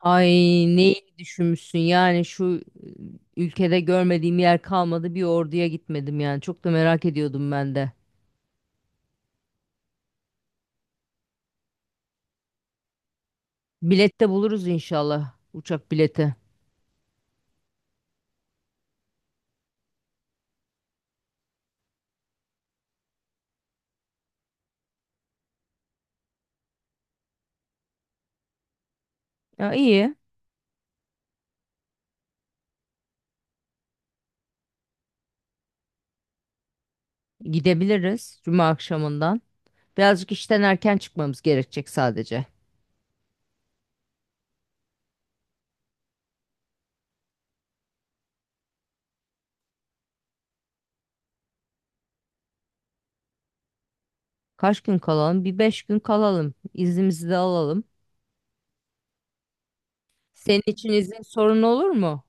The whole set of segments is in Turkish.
Ay neyi düşünmüşsün yani ülkede görmediğim yer kalmadı bir orduya gitmedim yani çok da merak ediyordum ben de. Bilet de buluruz inşallah uçak bileti. Ya iyi gidebiliriz cuma akşamından. Birazcık işten erken çıkmamız gerekecek sadece. Kaç gün kalalım? Bir 5 gün kalalım. İznimizi de alalım. Senin için izin sorun olur mu?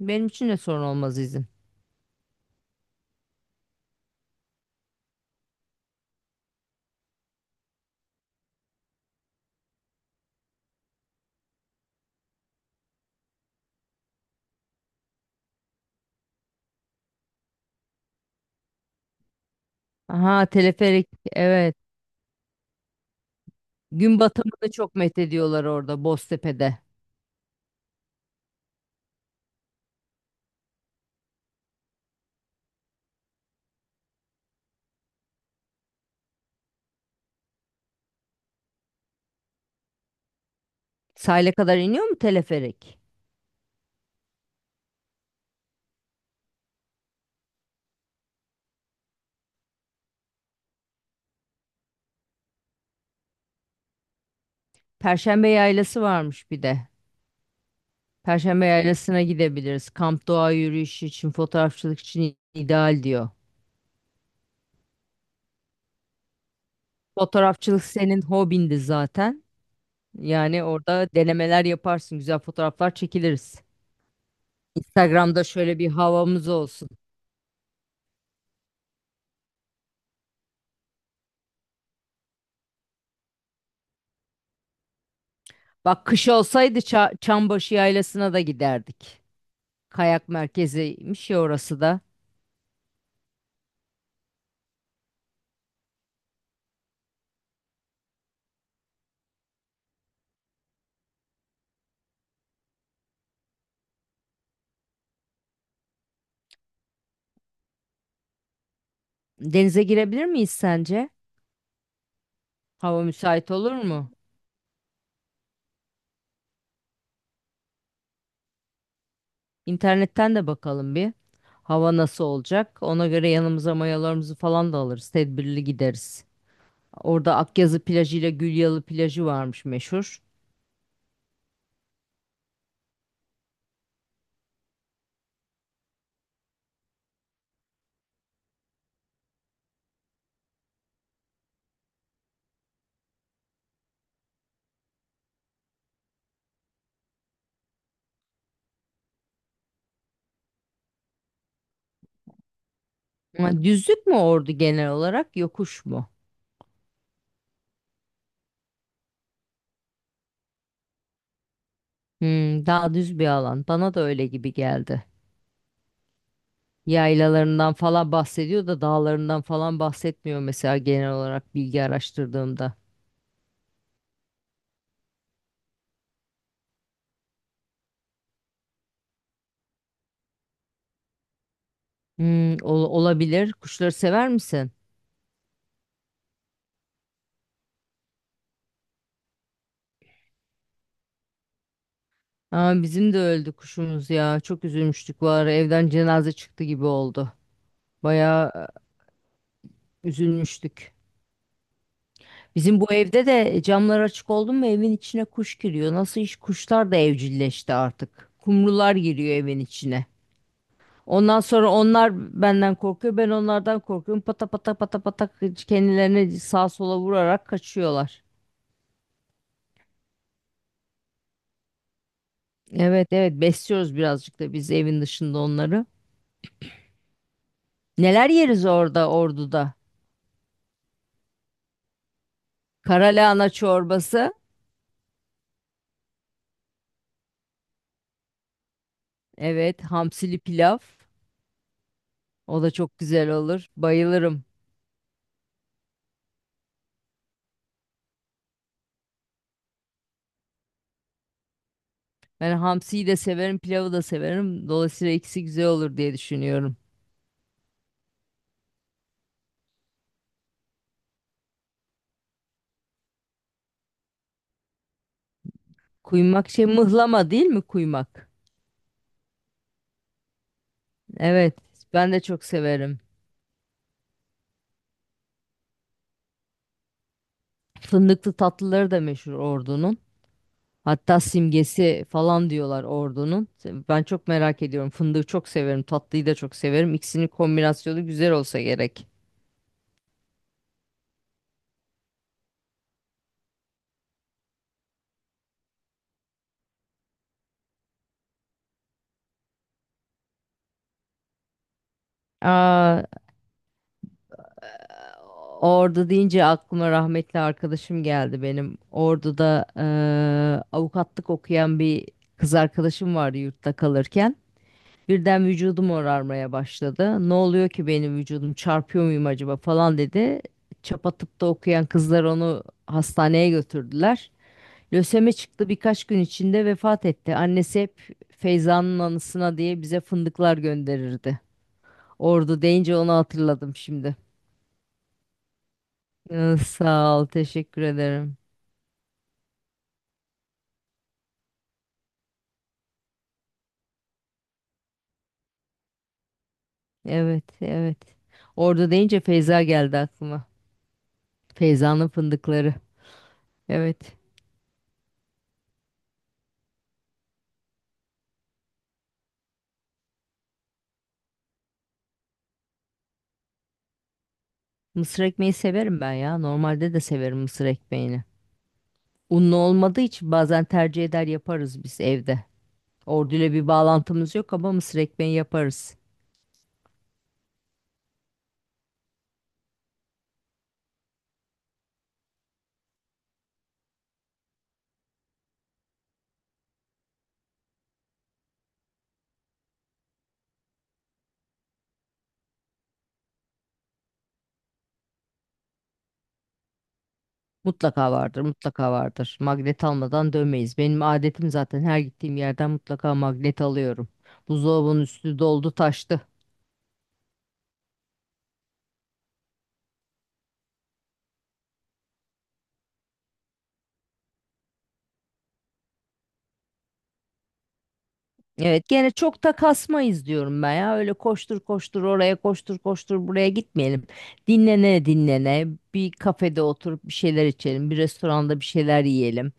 Benim için de sorun olmaz izin. Aha teleferik evet. Gün batımını çok methediyorlar orada Boztepe'de. Sahile kadar iniyor mu teleferik? Perşembe yaylası varmış bir de. Perşembe yaylasına gidebiliriz. Kamp doğa yürüyüşü için, fotoğrafçılık için ideal diyor. Fotoğrafçılık senin hobindi zaten. Yani orada denemeler yaparsın, güzel fotoğraflar çekiliriz. Instagram'da şöyle bir havamız olsun. Bak kış olsaydı Çambaşı Yaylası'na da giderdik. Kayak merkeziymiş ya orası da. Denize girebilir miyiz sence? Hava müsait olur mu? İnternetten de bakalım bir. Hava nasıl olacak? Ona göre yanımıza mayalarımızı falan da alırız. Tedbirli gideriz. Orada Akyazı plajı ile Gülyalı plajı varmış meşhur. Ama düzlük mü ordu genel olarak yokuş mu? Hmm, daha düz bir alan. Bana da öyle gibi geldi. Yaylalarından falan bahsediyor da dağlarından falan bahsetmiyor mesela genel olarak bilgi araştırdığımda. Hmm, olabilir. Kuşları sever misin? Aa, bizim de öldü kuşumuz ya. Çok üzülmüştük var. Evden cenaze çıktı gibi oldu. Bayağı üzülmüştük. Bizim bu evde de camlar açık oldu mu evin içine kuş giriyor. Nasıl iş kuşlar da evcilleşti artık. Kumrular giriyor evin içine. Ondan sonra onlar benden korkuyor. Ben onlardan korkuyorum. Pata pata pata pata kendilerini sağa sola vurarak kaçıyorlar. Evet, evet, besliyoruz birazcık da biz evin dışında onları. Neler yeriz orada Ordu'da? Karalahana çorbası. Evet, hamsili pilav. O da çok güzel olur. Bayılırım. Ben hamsiyi de severim, pilavı da severim. Dolayısıyla ikisi güzel olur diye düşünüyorum. Kuymak şey mıhlama değil mi kuymak? Evet, ben de çok severim. Fındıklı tatlıları da meşhur Ordu'nun. Hatta simgesi falan diyorlar Ordu'nun. Ben çok merak ediyorum. Fındığı çok severim, tatlıyı da çok severim. İkisinin kombinasyonu güzel olsa gerek. Aa, Ordu deyince aklıma rahmetli arkadaşım geldi benim. Ordu'da avukatlık okuyan bir kız arkadaşım vardı yurtta kalırken. Birden vücudum orarmaya başladı. Ne oluyor ki benim vücudum çarpıyor muyum acaba falan dedi. Çapa tıpta okuyan kızlar onu hastaneye götürdüler. Lösemi çıktı birkaç gün içinde vefat etti. Annesi hep Feyza'nın anısına diye bize fındıklar gönderirdi. Ordu deyince onu hatırladım şimdi. Sağ ol, teşekkür ederim. Evet, evet. Orada deyince Feyza geldi aklıma. Feyza'nın fındıkları. Evet. Mısır ekmeği severim ben ya. Normalde de severim mısır ekmeğini. Unlu olmadığı için bazen tercih eder yaparız biz evde. Orduyla bir bağlantımız yok ama mısır ekmeği yaparız. Mutlaka vardır, mutlaka vardır. Magnet almadan dönmeyiz. Benim adetim zaten her gittiğim yerden mutlaka magnet alıyorum. Buzdolabının üstü doldu taştı. Evet gene çok da kasmayız diyorum ben ya. Öyle koştur koştur oraya koştur koştur buraya gitmeyelim. Dinlene dinlene bir kafede oturup bir şeyler içelim. Bir restoranda bir şeyler yiyelim.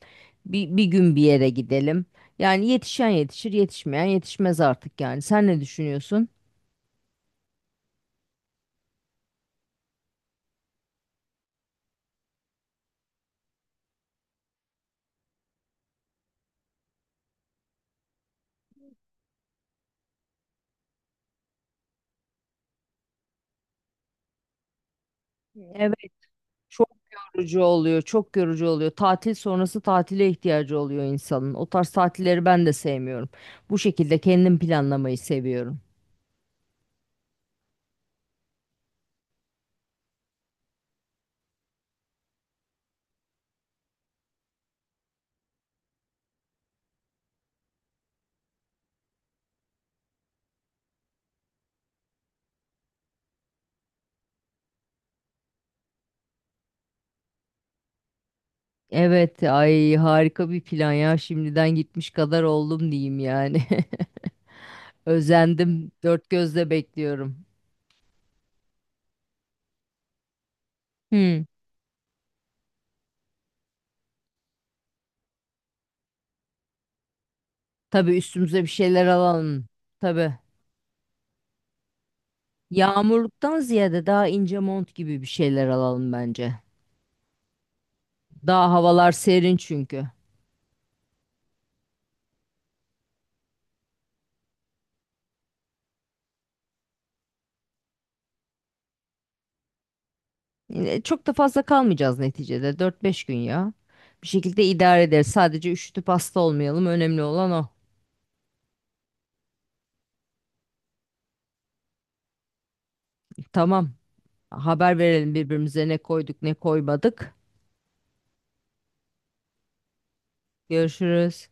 Bir gün bir yere gidelim. Yani yetişen yetişir yetişmeyen yetişmez artık yani. Sen ne düşünüyorsun? Evet, çok yorucu oluyor, çok yorucu oluyor. Tatil sonrası tatile ihtiyacı oluyor insanın. O tarz tatilleri ben de sevmiyorum. Bu şekilde kendim planlamayı seviyorum. Evet, ay harika bir plan ya. Şimdiden gitmiş kadar oldum diyeyim yani. Özendim. Dört gözle bekliyorum. Hmm. Tabii üstümüze bir şeyler alalım. Tabii. Yağmurluktan ziyade daha ince mont gibi bir şeyler alalım bence. Daha havalar serin çünkü. Yine çok da fazla kalmayacağız neticede. 4-5 gün ya. Bir şekilde idare ederiz. Sadece üşütüp hasta olmayalım. Önemli olan o. Tamam. Haber verelim birbirimize ne koyduk ne koymadık. Görüşürüz.